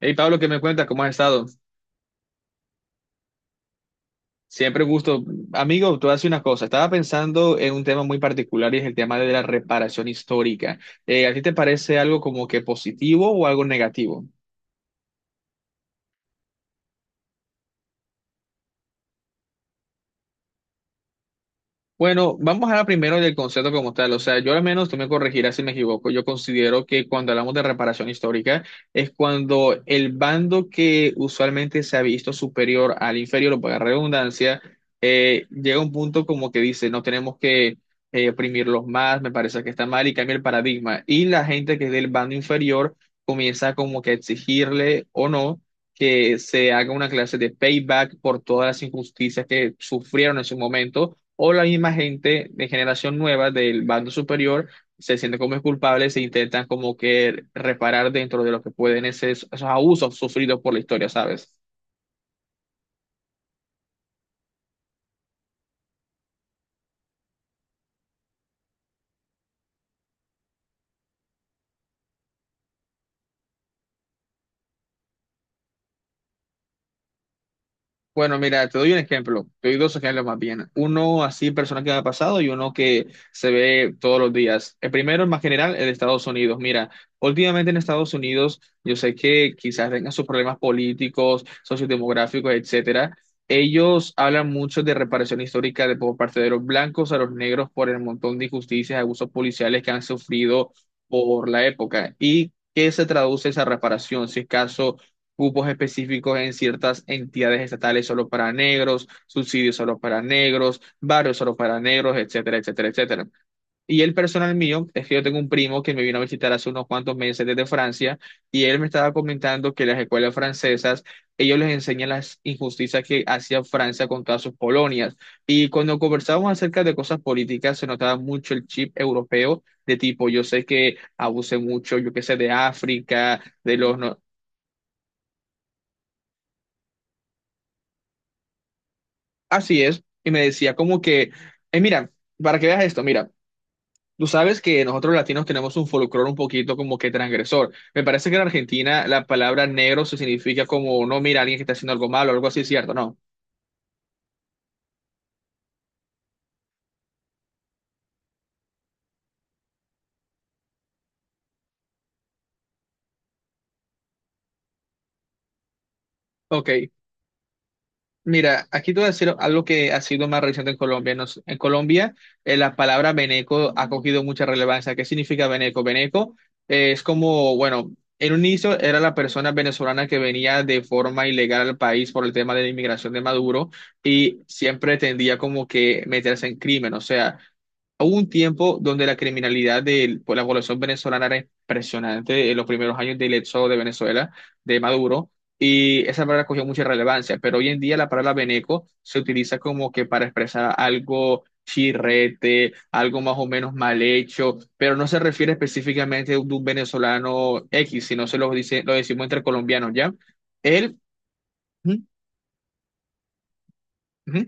Hey Pablo, ¿qué me cuentas? ¿Cómo has estado? Siempre un gusto. Amigo, tú haces una cosa. Estaba pensando en un tema muy particular y es el tema de la reparación histórica. ¿A ti te parece algo como que positivo o algo negativo? Bueno, vamos a hablar primero del concepto como tal. O sea, yo al menos, tú me corregirás si me equivoco, yo considero que cuando hablamos de reparación histórica es cuando el bando que usualmente se ha visto superior al inferior, o para redundancia, llega a un punto como que dice, no tenemos que oprimirlos más, me parece que está mal y cambia el paradigma. Y la gente que es del bando inferior comienza como que a exigirle o no, que se haga una clase de payback por todas las injusticias que sufrieron en su momento o la misma gente de generación nueva del bando superior se siente como culpables e intentan como que reparar dentro de lo que pueden esos abusos sufridos por la historia, ¿sabes? Bueno, mira, te doy un ejemplo, te doy dos ejemplos más bien. Uno así personal que me ha pasado y uno que se ve todos los días. El primero, más general, el de Estados Unidos. Mira, últimamente en Estados Unidos, yo sé que quizás tengan sus problemas políticos, sociodemográficos, etcétera. Ellos hablan mucho de reparación histórica de por parte de los blancos a los negros por el montón de injusticias, abusos policiales que han sufrido por la época. ¿Y qué se traduce esa reparación? Si es caso cupos específicos en ciertas entidades estatales solo para negros, subsidios solo para negros, barrios solo para negros, etcétera, etcétera, etcétera. Y el personal mío, es que yo tengo un primo que me vino a visitar hace unos cuantos meses desde Francia y él me estaba comentando que las escuelas francesas, ellos les enseñan las injusticias que hacía Francia con todas sus colonias. Y cuando conversábamos acerca de cosas políticas, se notaba mucho el chip europeo. De tipo, yo sé que abuse mucho, yo qué sé, de África, de los, no. Así es, y me decía como que, mira, para que veas esto, mira, tú sabes que nosotros latinos tenemos un folclore un poquito como que transgresor. Me parece que en Argentina la palabra negro se significa como, no, mira, alguien que está haciendo algo malo, algo así, ¿cierto? No. Ok. Mira, aquí te voy a decir algo que ha sido más reciente en Colombia. En Colombia, la palabra Beneco ha cogido mucha relevancia. ¿Qué significa Beneco? Beneco es como, bueno, en un inicio era la persona venezolana que venía de forma ilegal al país por el tema de la inmigración de Maduro y siempre tendía como que meterse en crimen. O sea, hubo un tiempo donde la criminalidad de la población venezolana era impresionante en los primeros años del éxodo de Venezuela, de Maduro, y esa palabra cogió mucha relevancia, pero hoy en día la palabra veneco se utiliza como que para expresar algo chirrete, algo más o menos mal hecho, pero no se refiere específicamente de un venezolano X, sino se lo dice, lo decimos entre colombianos, ¿ya? Él, ujú, ujú.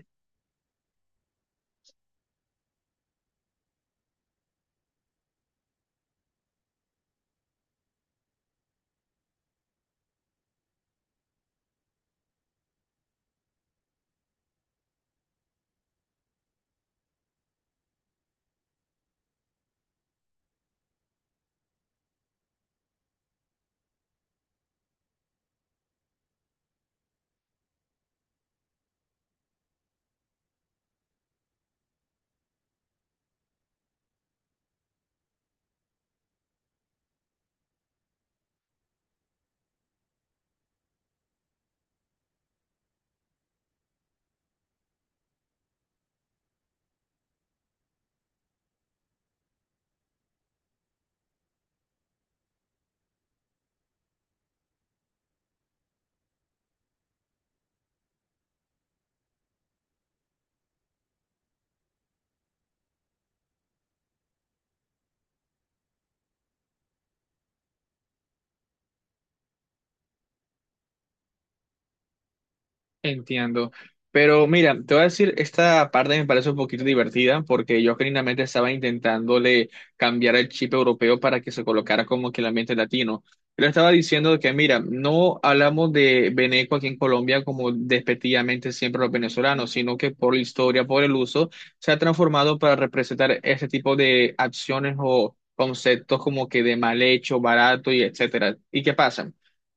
Entiendo. Pero mira, te voy a decir, esta parte me parece un poquito divertida porque yo genuinamente estaba intentándole cambiar el chip europeo para que se colocara como que el ambiente latino. Pero estaba diciendo que, mira, no hablamos de Beneco aquí en Colombia como despectivamente siempre los venezolanos, sino que por la historia, por el uso, se ha transformado para representar este tipo de acciones o conceptos como que de mal hecho, barato y etcétera. ¿Y qué pasa?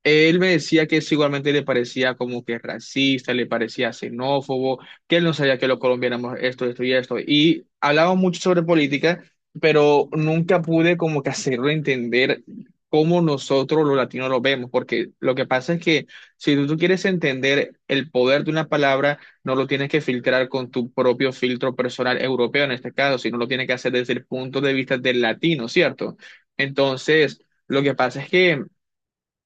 Él me decía que eso igualmente le parecía como que racista, le parecía xenófobo, que él no sabía que los colombianos éramos esto, esto y esto. Y hablaba mucho sobre política, pero nunca pude como que hacerlo entender cómo nosotros los latinos lo vemos, porque lo que pasa es que si tú, tú quieres entender el poder de una palabra, no lo tienes que filtrar con tu propio filtro personal europeo en este caso, sino lo tienes que hacer desde el punto de vista del latino, ¿cierto? Entonces, lo que pasa es que...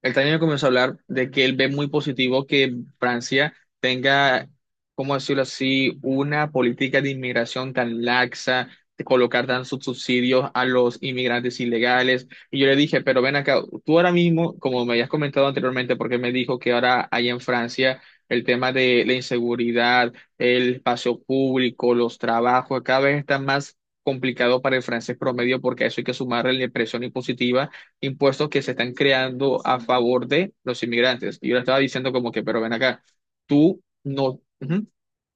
El también comenzó a hablar de que él ve muy positivo que Francia tenga, ¿cómo decirlo así?, una política de inmigración tan laxa, de colocar tan sus subsidios a los inmigrantes ilegales. Y yo le dije, pero ven acá, tú ahora mismo, como me habías comentado anteriormente, porque me dijo que ahora hay en Francia el tema de la inseguridad, el espacio público, los trabajos, cada vez está más complicado para el francés promedio porque a eso hay que sumarle la presión impositiva, impuestos que se están creando a favor de los inmigrantes. Y yo le estaba diciendo como que, pero ven acá, tú no... Ujú.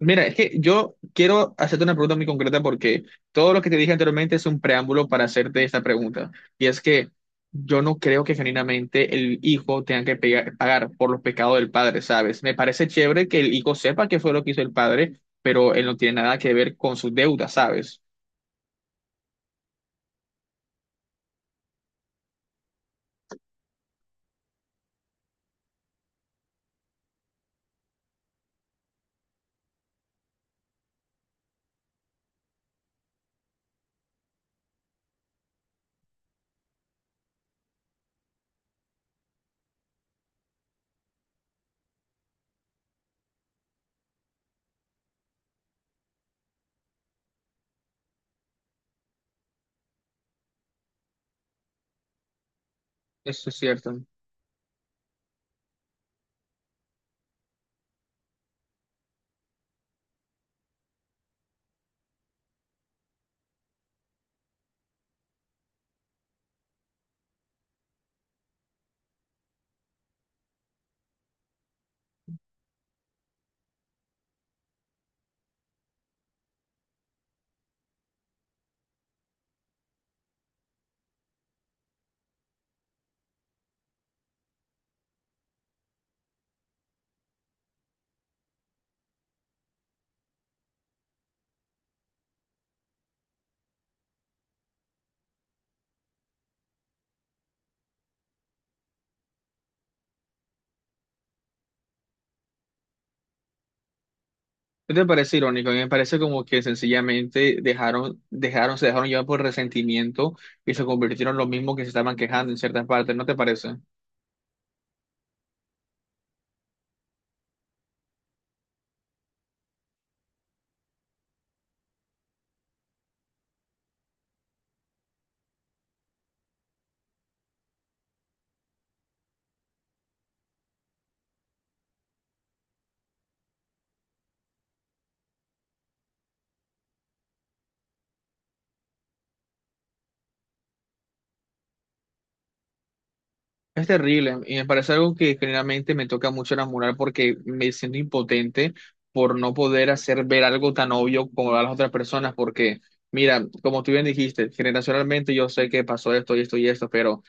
Mira, es que yo quiero hacerte una pregunta muy concreta porque todo lo que te dije anteriormente es un preámbulo para hacerte esta pregunta. Y es que yo no creo que genuinamente el hijo tenga que pagar por los pecados del padre, ¿sabes? Me parece chévere que el hijo sepa qué fue lo que hizo el padre, pero él no tiene nada que ver con sus deudas, ¿sabes? Eso es cierto. ¿No te parece irónico? A mí me parece como que sencillamente dejaron, dejaron, se dejaron llevar por resentimiento y se convirtieron en los mismos que se estaban quejando en ciertas partes, ¿no te parece? Es terrible y me parece algo que generalmente me toca mucho enamorar porque me siento impotente por no poder hacer ver algo tan obvio como a las otras personas porque, mira, como tú bien dijiste, generacionalmente yo sé que pasó esto y esto y esto, pero...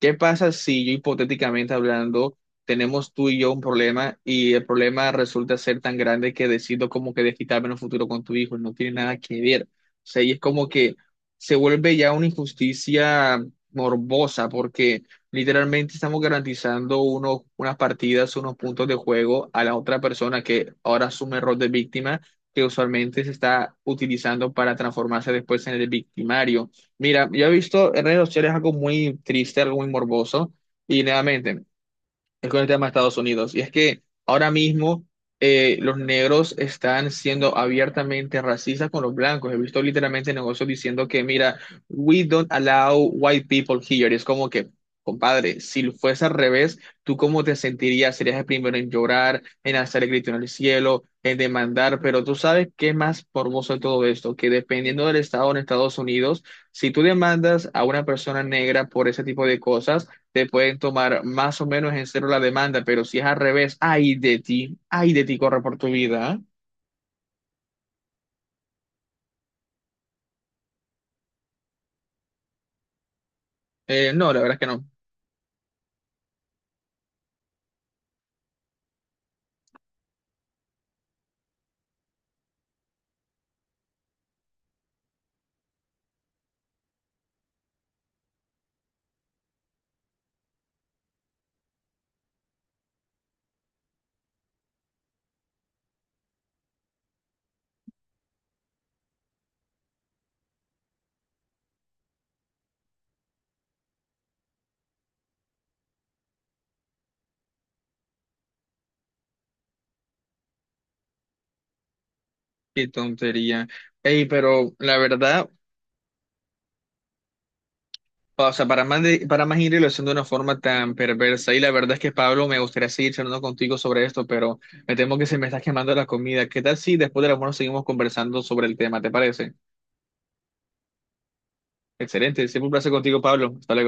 ¿Qué pasa si yo hipotéticamente hablando tenemos tú y yo un problema y el problema resulta ser tan grande que decido como que desquitarme en un futuro con tu hijo? No tiene nada que ver. O sea, y es como que se vuelve ya una injusticia morbosa porque literalmente estamos garantizando unas partidas, unos puntos de juego a la otra persona que ahora asume el rol de víctima que usualmente se está utilizando para transformarse después en el victimario. Mira, yo he visto en redes sociales algo muy triste, algo muy morboso, y nuevamente, es con el tema de Estados Unidos. Y es que ahora mismo los negros están siendo abiertamente racistas con los blancos. He visto literalmente negocios diciendo que, mira, we don't allow white people here. Y es como que, compadre, si fuese al revés, ¿tú cómo te sentirías? Serías el primero en llorar, en hacer el grito en el cielo, en demandar. Pero tú sabes qué más morboso de todo esto, que dependiendo del estado en Estados Unidos, si tú demandas a una persona negra por ese tipo de cosas, te pueden tomar más o menos en cero la demanda, pero si es al revés, ay de ti, corre por tu vida. ¿Eh? No, la verdad es que no. Qué tontería. Ey, pero la verdad, o sea, para más, de, para más irlo haciendo de una forma tan perversa, y la verdad es que Pablo, me gustaría seguir charlando contigo sobre esto, pero me temo que se me está quemando la comida. ¿Qué tal si después del almuerzo seguimos conversando sobre el tema? ¿Te parece? Excelente, siempre un placer contigo, Pablo. Hasta luego.